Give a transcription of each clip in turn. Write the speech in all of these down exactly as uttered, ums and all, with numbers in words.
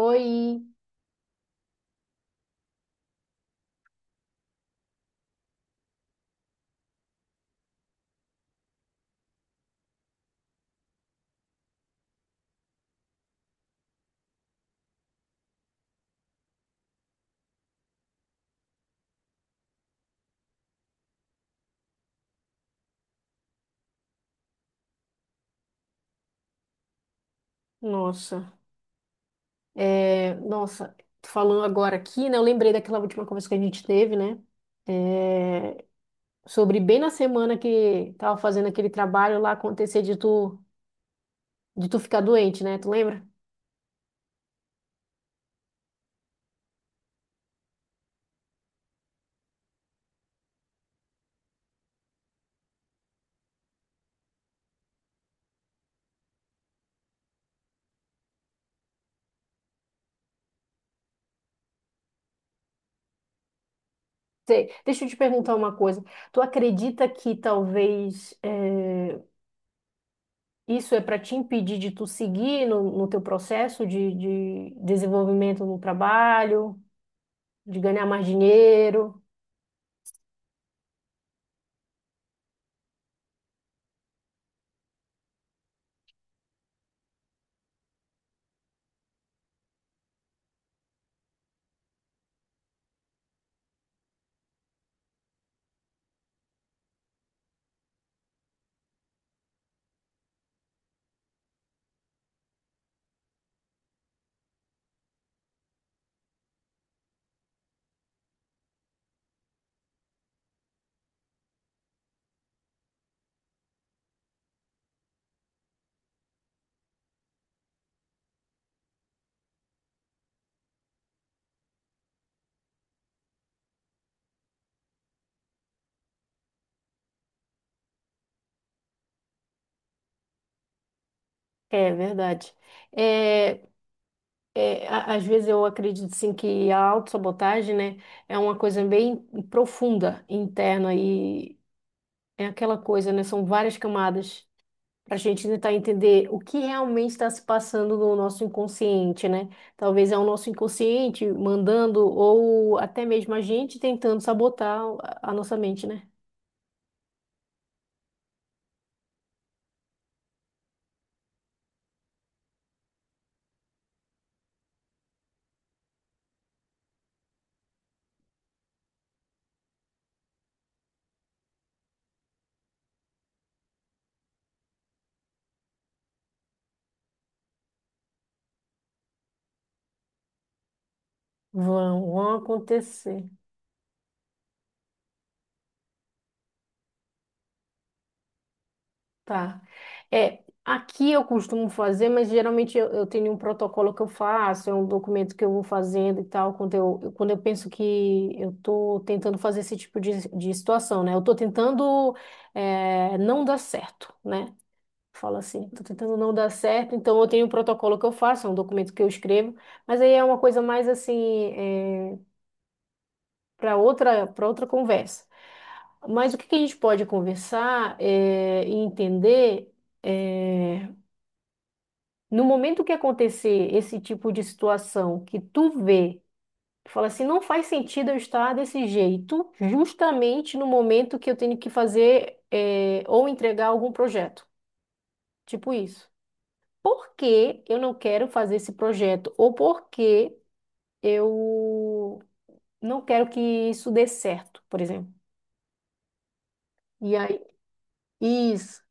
Oi, nossa, é, nossa, falando agora aqui, né? Eu lembrei daquela última conversa que a gente teve, né? É, Sobre bem na semana que tava fazendo aquele trabalho lá acontecer de tu, de tu ficar doente, né? Tu lembra? Sei. Deixa eu te perguntar uma coisa. Tu acredita que talvez é, isso é para te impedir de tu seguir no, no teu processo de, de desenvolvimento no trabalho, de ganhar mais dinheiro? É verdade. É, É, a- às vezes eu acredito assim que a autossabotagem, né, é uma coisa bem profunda, interna, e é aquela coisa, né, são várias camadas para a gente tentar entender o que realmente está se passando no nosso inconsciente, né? Talvez é o nosso inconsciente mandando ou até mesmo a gente tentando sabotar a a nossa mente, né? Vão, vão acontecer. Tá. É, aqui eu costumo fazer, mas geralmente eu, eu tenho um protocolo que eu faço, é um documento que eu vou fazendo e tal, quando eu, eu- quando eu penso que eu tô tentando fazer esse tipo de, de situação, né? Eu tô tentando é, não dar certo, né? Fala assim, tô tentando não dar certo, então eu tenho um protocolo que eu faço, é um documento que eu escrevo, mas aí é uma coisa mais assim, é, para outra, para outra conversa. Mas o que que a gente pode conversar é, e entender. é, No momento que acontecer esse tipo de situação que tu vê, tu fala assim, não faz sentido eu estar desse jeito, justamente no momento que eu tenho que fazer eh, ou entregar algum projeto. Tipo isso. Por que eu não quero fazer esse projeto? Ou por que eu não quero que isso dê certo, por exemplo. E aí, isso.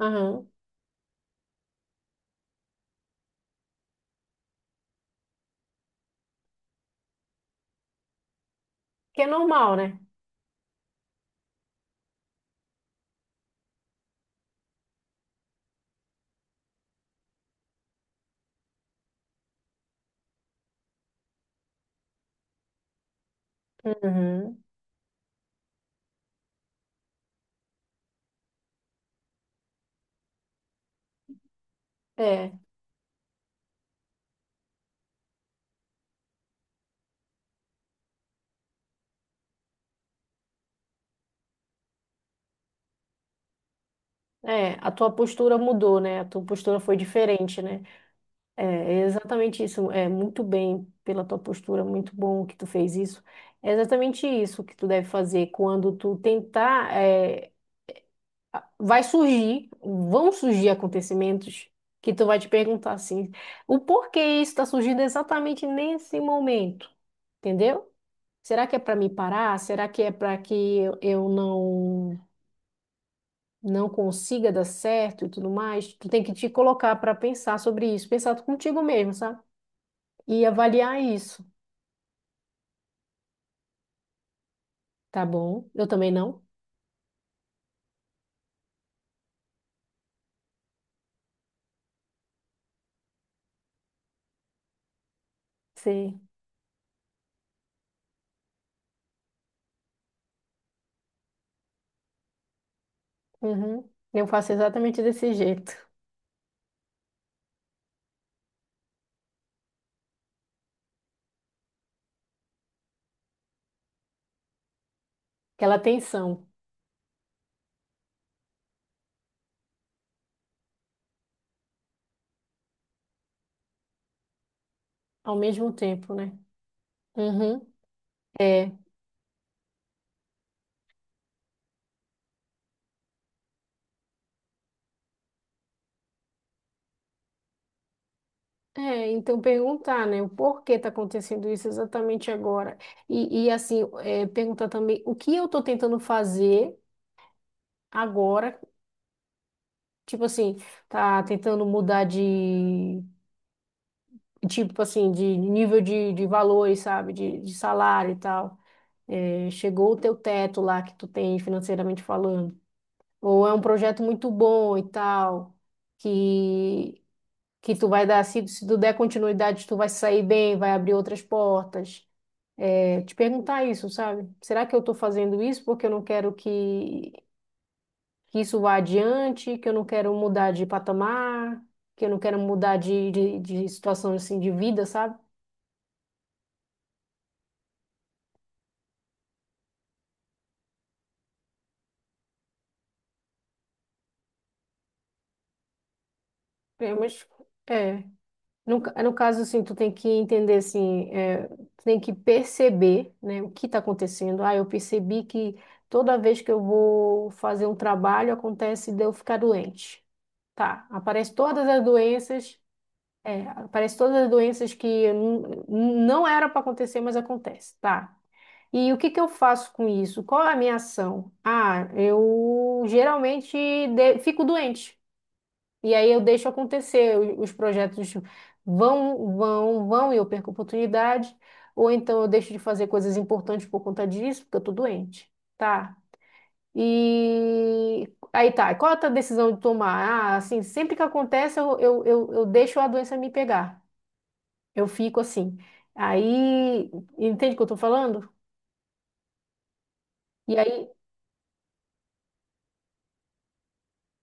Aham. Que é normal, né? Uhum. É, é, a tua postura mudou, né? A tua postura foi diferente, né? É, é exatamente isso. É muito bem pela tua postura, muito bom que tu fez isso. É exatamente isso que tu deve fazer quando tu tentar. É, a- vai surgir, vão surgir acontecimentos que tu vai te perguntar assim, o porquê isso está surgindo exatamente nesse momento, entendeu? Será que é para me parar? Será que é para que eu eu não não consiga dar certo e tudo mais? Tu tem que te colocar para pensar sobre isso, pensar contigo mesmo, sabe? E avaliar isso. Tá bom. Eu também não. Sim. Uhum. Eu faço exatamente desse jeito. Aquela tensão ao mesmo tempo, né? Uhum. É. É, então perguntar, né, o porquê tá acontecendo isso exatamente agora. E, e assim, é, perguntar também o que eu tô tentando fazer agora, tipo assim, tá tentando mudar de, tipo assim, de nível de, de valores, sabe, de, de salário e tal. É, chegou o teu teto lá que tu tem financeiramente falando. Ou é um projeto muito bom e tal, que que tu vai dar, se, se tu der continuidade, tu vai sair bem, vai abrir outras portas. É, te perguntar isso, sabe? Será que eu tô fazendo isso porque eu não quero que, que isso vá adiante, que eu não quero mudar de patamar, que eu não quero mudar de, de, de situação assim de vida, sabe? É, mas é, No, ca- no caso, assim, tu tem que entender, assim, é, tu tem que perceber, né, o que está acontecendo. Ah, eu percebi que toda vez que eu vou fazer um trabalho, acontece de eu ficar doente. Tá, aparece todas as doenças, é, aparece todas as doenças que eu nu- não era para acontecer, mas acontece, tá? E o que que eu faço com isso? Qual é a minha ação? Ah, eu geralmente de- fico doente. E aí eu deixo acontecer, o- os projetos vão, vão, vão e eu perco a oportunidade, ou então eu deixo de fazer coisas importantes por conta disso, porque eu tô doente, tá? E aí tá, qual é a tua decisão de tomar? Ah, assim, sempre que acontece eu, eu, eu, eu deixo a doença me pegar, eu fico assim. Aí, entende o que eu tô falando? E aí,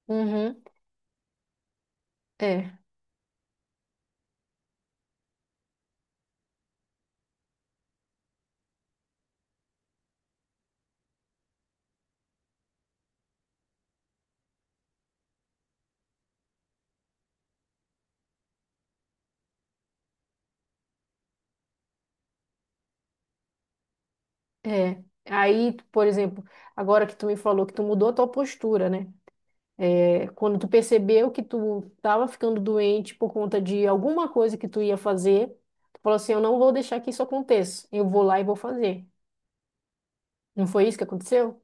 uhum, é, é. Aí, por exemplo, agora que tu me falou que tu mudou a tua postura, né? É, quando tu percebeu que tu estava ficando doente por conta de alguma coisa que tu ia fazer, tu falou assim, eu não vou deixar que isso aconteça. Eu vou lá e vou fazer. Não foi isso que aconteceu?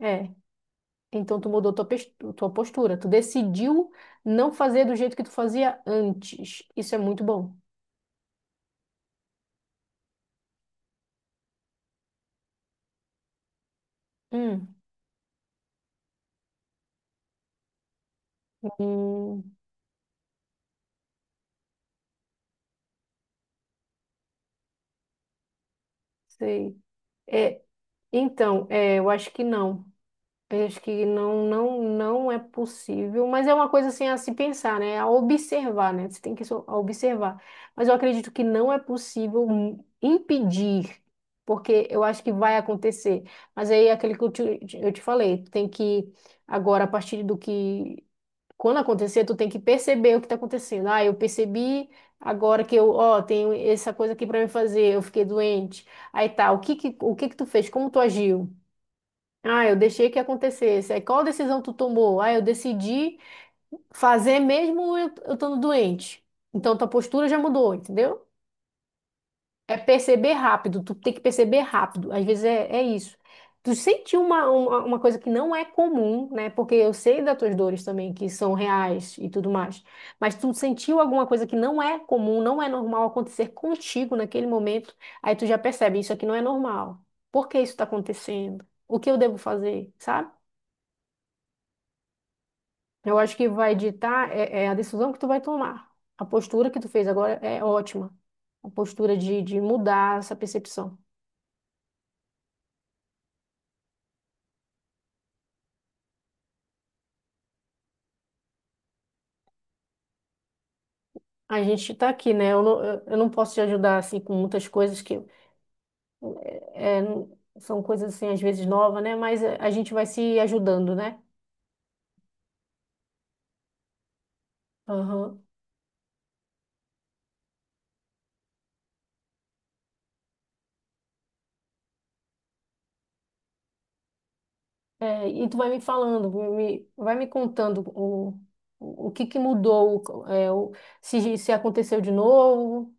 É. Então tu mudou tua, pes- tua postura. Tu decidiu não fazer do jeito que tu fazia antes. Isso é muito bom. Hum, hum, sei. É, então, é, eu acho que não. Eu acho que não, não, não é possível, mas é uma coisa assim a se pensar, né? A observar, né? Você tem que so- observar. Mas eu acredito que não é possível hum, impedir, porque eu acho que vai acontecer. Mas aí é aquele que eu te, eu te falei, tu tem que agora a partir do que quando acontecer, tu tem que perceber o que está acontecendo. Ah, eu percebi agora que eu, ó, tenho essa coisa aqui para me fazer, eu fiquei doente. Aí tá, o que que, o que que tu fez? Como tu agiu? Ah, eu deixei que acontecesse. Aí, qual decisão tu tomou? Ah, eu decidi fazer mesmo eu eu estando doente. Então, tua postura já mudou, entendeu? É perceber rápido, tu tem que perceber rápido. Às vezes é, é isso. Tu sentiu uma, uma, uma coisa que não é comum, né? Porque eu sei das tuas dores também, que são reais e tudo mais. Mas tu sentiu alguma coisa que não é comum, não é normal acontecer contigo naquele momento. Aí tu já percebe, isso aqui não é normal. Por que isso está acontecendo? O que eu devo fazer, sabe? Eu acho que vai ditar é, é a decisão que tu vai tomar. A postura que tu fez agora é ótima. A postura de, de mudar essa percepção. A gente tá aqui, né? Eu não, eu eu não posso te ajudar assim com muitas coisas que é, não- são coisas assim às vezes novas, né? Mas é, a gente vai se ajudando, né? Aham. É, e tu vai me falando, me- vai me contando o, o o que que mudou, o- é, o- se, se aconteceu de novo.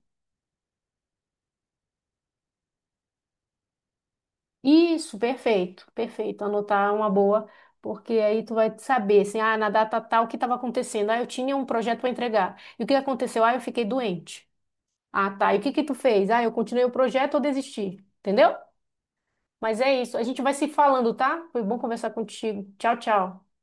Isso, perfeito, perfeito. Anotar é uma boa, porque aí tu vai saber, assim, ah, na data tal, o que estava acontecendo? Ah, eu tinha um projeto para entregar. E o que aconteceu? Ah, eu fiquei doente. Ah, tá. E o que que tu fez? Ah, eu continuei o projeto ou desisti? Entendeu? Mas é isso. A gente vai se falando, tá? Foi bom conversar contigo. Tchau, tchau.